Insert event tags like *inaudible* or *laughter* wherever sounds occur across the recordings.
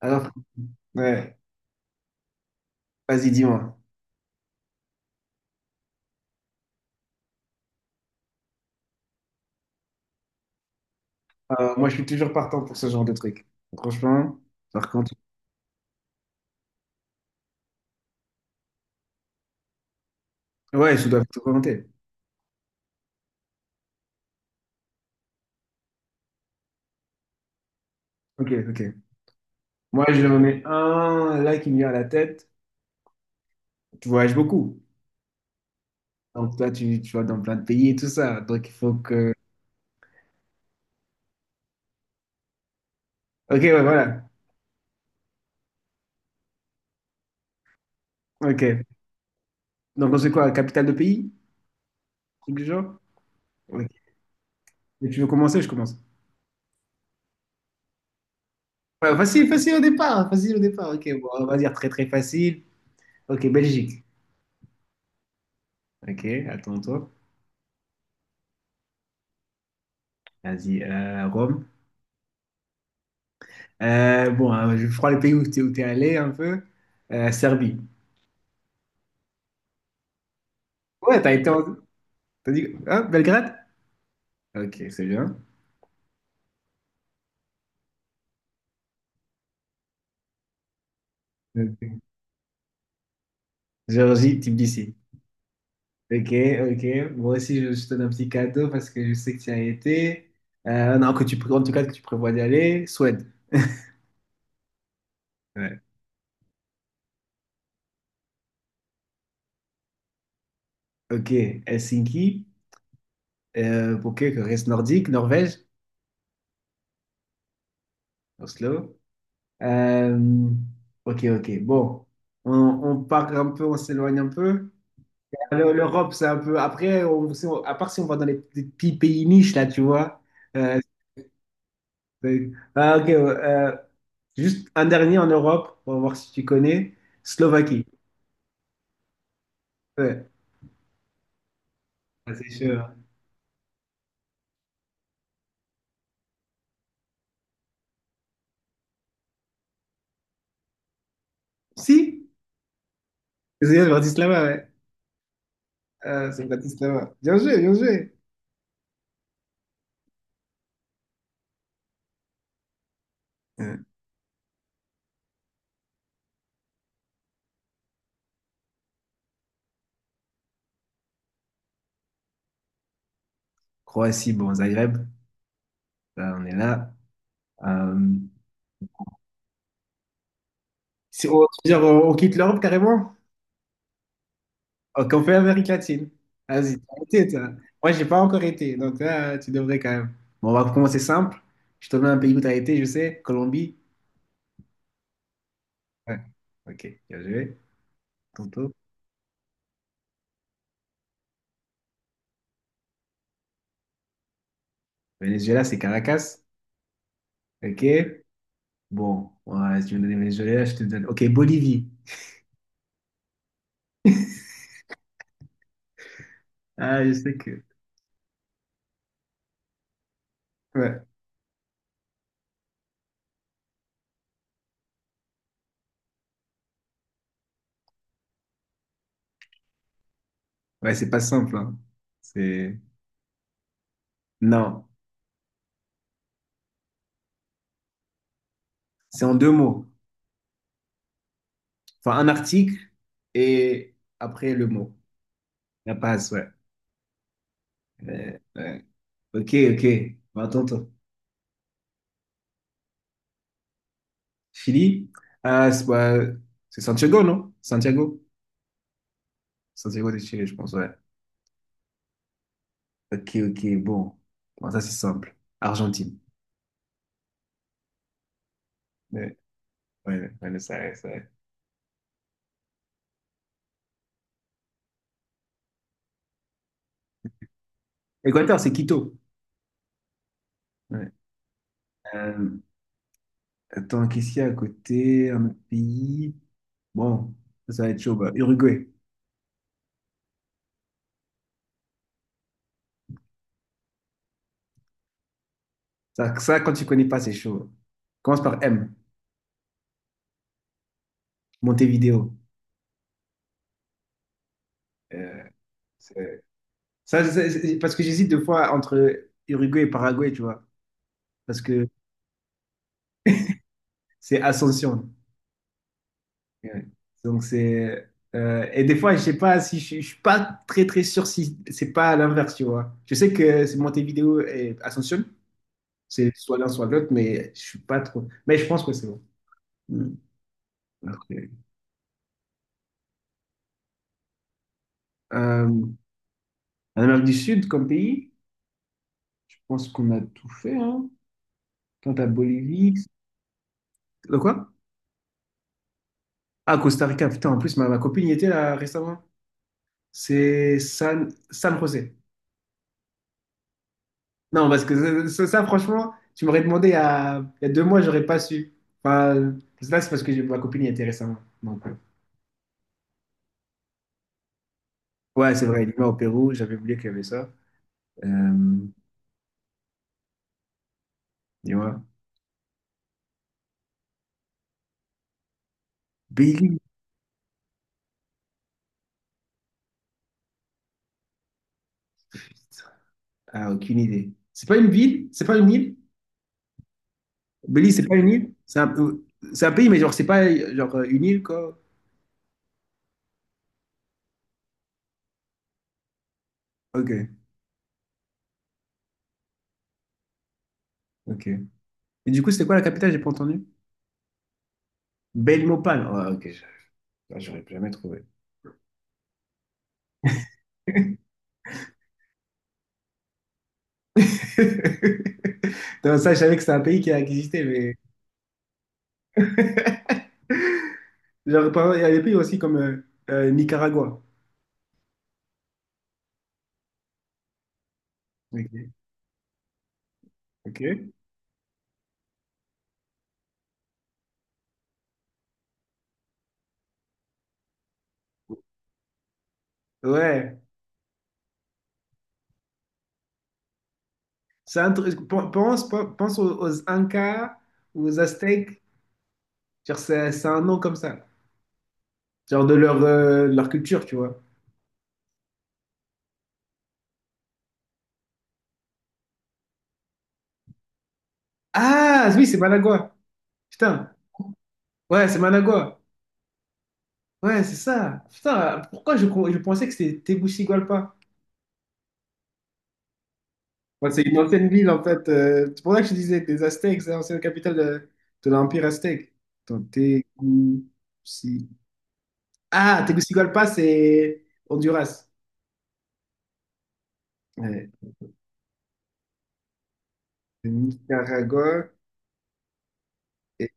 Alors, ouais, vas-y, dis-moi. Moi, je suis toujours partant pour ce genre de truc. Franchement, par contre, ouais, je dois te volonté. Ok, ok. Moi, je mets un là qui me vient à la tête. Tu voyages beaucoup. Donc, tu vas dans plein de pays et tout ça. Donc, il faut que. Ok, ouais, voilà. Ok. Donc, on sait quoi? Capitale de pays? Truc du genre? Ok. Et tu veux commencer? Je commence. Ouais, facile, facile au départ. Facile au départ. Ok, bon, on va dire très, très facile. Ok, Belgique. Ok, attends-toi. Vas-y, Rome. Bon, hein, je crois le pays où tu es, allé un peu. Serbie. Ouais, t'as été en... T'as dit... Hein, Belgrade? Ok, c'est bien. Ok. Géorgie, Tbilissi. Ok, ok. Moi aussi, je te donne un petit cadeau parce que je sais que tu y as été. Non, pré- en tout cas, que tu prévois d'y aller. Suède. Ouais. Ok, Helsinki. Ok, que reste nordique, Norvège, Oslo. Euh, ok, ok. Bon, on, on part un peu, on s'éloigne un peu. L'Europe, c'est un peu. Après, on- si on- à part si on va dans les petits pays niches, là, tu vois. Euh, ok, ouais, juste un dernier en Europe, on va voir si tu connais. Slovaquie. Ouais, ah, c'est sûr. Si, c'est Bratislava, ouais. C'est Bratislava. Bien joué, bien joué. Euh, Croatie, bon, Zagreb, là, on est là. Euh, si on, tu veux dire, on quitte l'Europe carrément? Oh, qu'on fait Amérique latine. Vas-y, t'as été, toi. Moi, j'ai pas encore été, donc là, tu devrais quand même. Bon, on va commencer simple. Je te donne un pays où t'as été, je sais. Colombie. Ouais. Ok, bien joué. Tonto. Venezuela, c'est Caracas. Ok. Bon, ouais, si tu me donnes Venezuela, je te donne. Ok, Bolivie. Ah, je sais que. Ouais. Ouais, c'est pas simple, hein. C'est. Non. C'est en deux mots. Enfin, un article et après le mot. La passe, ouais. Ouais, ouais. Ok, ok. Bah, attends, Chili, ah, c'est bah, c'est Santiago, non? Santiago? Santiago de Chili, je pense, ouais. Ok, ok, bon. Bon, ça, c'est simple. Argentine. Ouais, ouais, ouais, ça, ouais, ça, ouais. Équateur, c'est Quito. Ouais. Euh, attends, qu'est-ce qu'il y a à côté? Un autre pays? Bon, ça va être chaud. Bah, Uruguay. Ça, quand tu connais pas, c'est chaud. Commence par M. Montevideo. Euh, c'est- ça, parce que j'hésite deux fois entre Uruguay et Paraguay, tu vois. Parce que c'est Ascension. Ouais. Donc c'est et des fois je sais pas si je suis pas très très sûr si c'est pas à l'inverse tu vois. Je sais que c'est Montevideo et Ascension, c'est soit l'un soit l'autre mais je suis pas trop. Mais je pense que c'est bon. Mm. Après, euh, en Amérique du Sud comme pays, je pense qu'on a tout fait hein. Quant à Bolivie, le quoi? Ah Costa Rica putain en plus ma copine y était là récemment. C'est San José. Non, parce que ça, franchement, tu m'aurais demandé il y a deux mois, j'aurais pas su. Enfin, là, c'est parce que ma copine y était récemment. Donc, ouais, c'est vrai, Lima au Pérou, j'avais oublié qu'il y avait ça. Euh, tu vois. Belize, putain. Ah, aucune idée. C'est pas une ville? C'est pas une île? Belize, c'est pas une île? C'est un pays, mais genre, c'est pas une île, quoi. Ok, ok. Et du coup, c'était quoi la capitale? J'ai pas entendu. Belmopan. Ouais, ok, ah, j'aurais jamais trouvé. *laughs* Non, ça, je savais que c'était un pays qui a existé, mais. *laughs* Genre, par exemple, il y a des pays aussi comme Nicaragua. Ok. Ok. Ouais. C'est un truc- pen- Pense, pense aux, aux Incas, aux Aztèques. Genre, c'est un nom comme ça. Genre de leur, leur culture, tu vois. Ah, oui, c'est Managua. Putain. Ouais, c'est Managua. Ouais, c'est ça. Putain, pourquoi je pensais que c'était Tegucigalpa? Ouais, c'est une ancienne ville, en fait. C'est pour ça que je disais, des Aztèques, c'est l'ancienne capitale de l'Empire aztèque. Attends, Teguci- ah, Tegucigalpa, c'est Honduras. Ouais. Nicaragua. Et...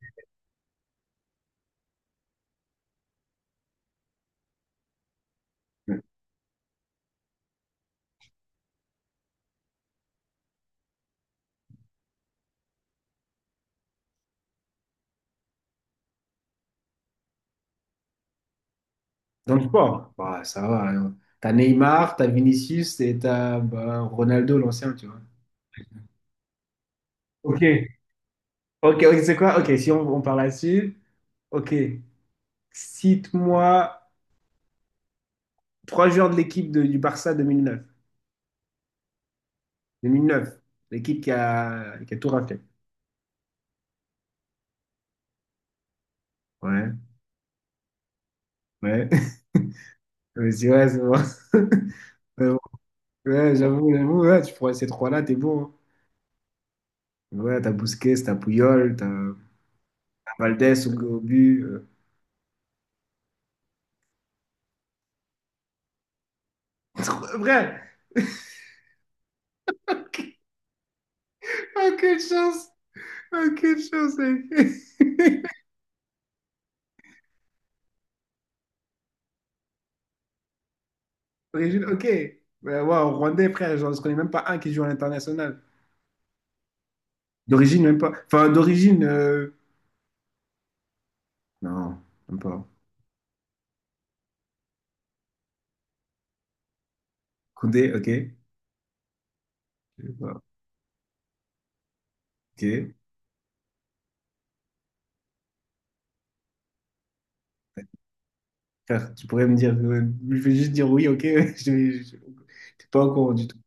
Dans le sport, bah, ça va. Alors, t'as Neymar, t'as Vinicius et t'as bah, Ronaldo, l'ancien, tu vois. Ok. Ok, ok, c'est quoi? Ok, si on, on parle là-dessus. Ok. Cite-moi trois joueurs de l'équipe de- du Barça 2009. Deux mille neuf, l'équipe qui a tout raflé. Ouais, ouais. *laughs* Je me suis dit, ouais, c'est bon. *laughs* Mais bon, ouais, j'avoue, j'avoue, ouais, tu prends ces trois-là, t'es bon. Hein. Ouais, t'as Busquets, t'as Puyol, t'as Valdés au, au but. *laughs* Vrai! Aucune chance! Aucune chance, mec! *laughs* D'origine, ok. Ouais, ouais, en Rwandais, frère, genre, je connais même pas un qui joue à l'international. D'origine, même pas. Enfin, d'origine. Non, même pas. Koundé, ok. Je sais pas. Ok. Frère, tu pourrais me dire, je vais juste dire oui, ok, *laughs* t'es pas au courant du tout.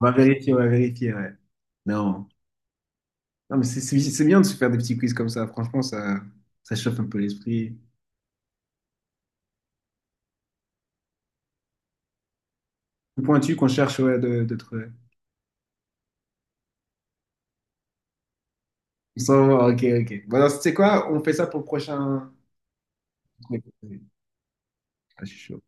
On va vérifier, ouais. Non, non, mais c'est bien de se faire des petits quiz comme ça. Franchement, ça chauffe un peu l'esprit. Plus pointu qu'on cherche, ouais, de on s'en va, ok, ok. Bon, alors, tu sais quoi? On fait ça pour le prochain truc. Ah, je suis chaud.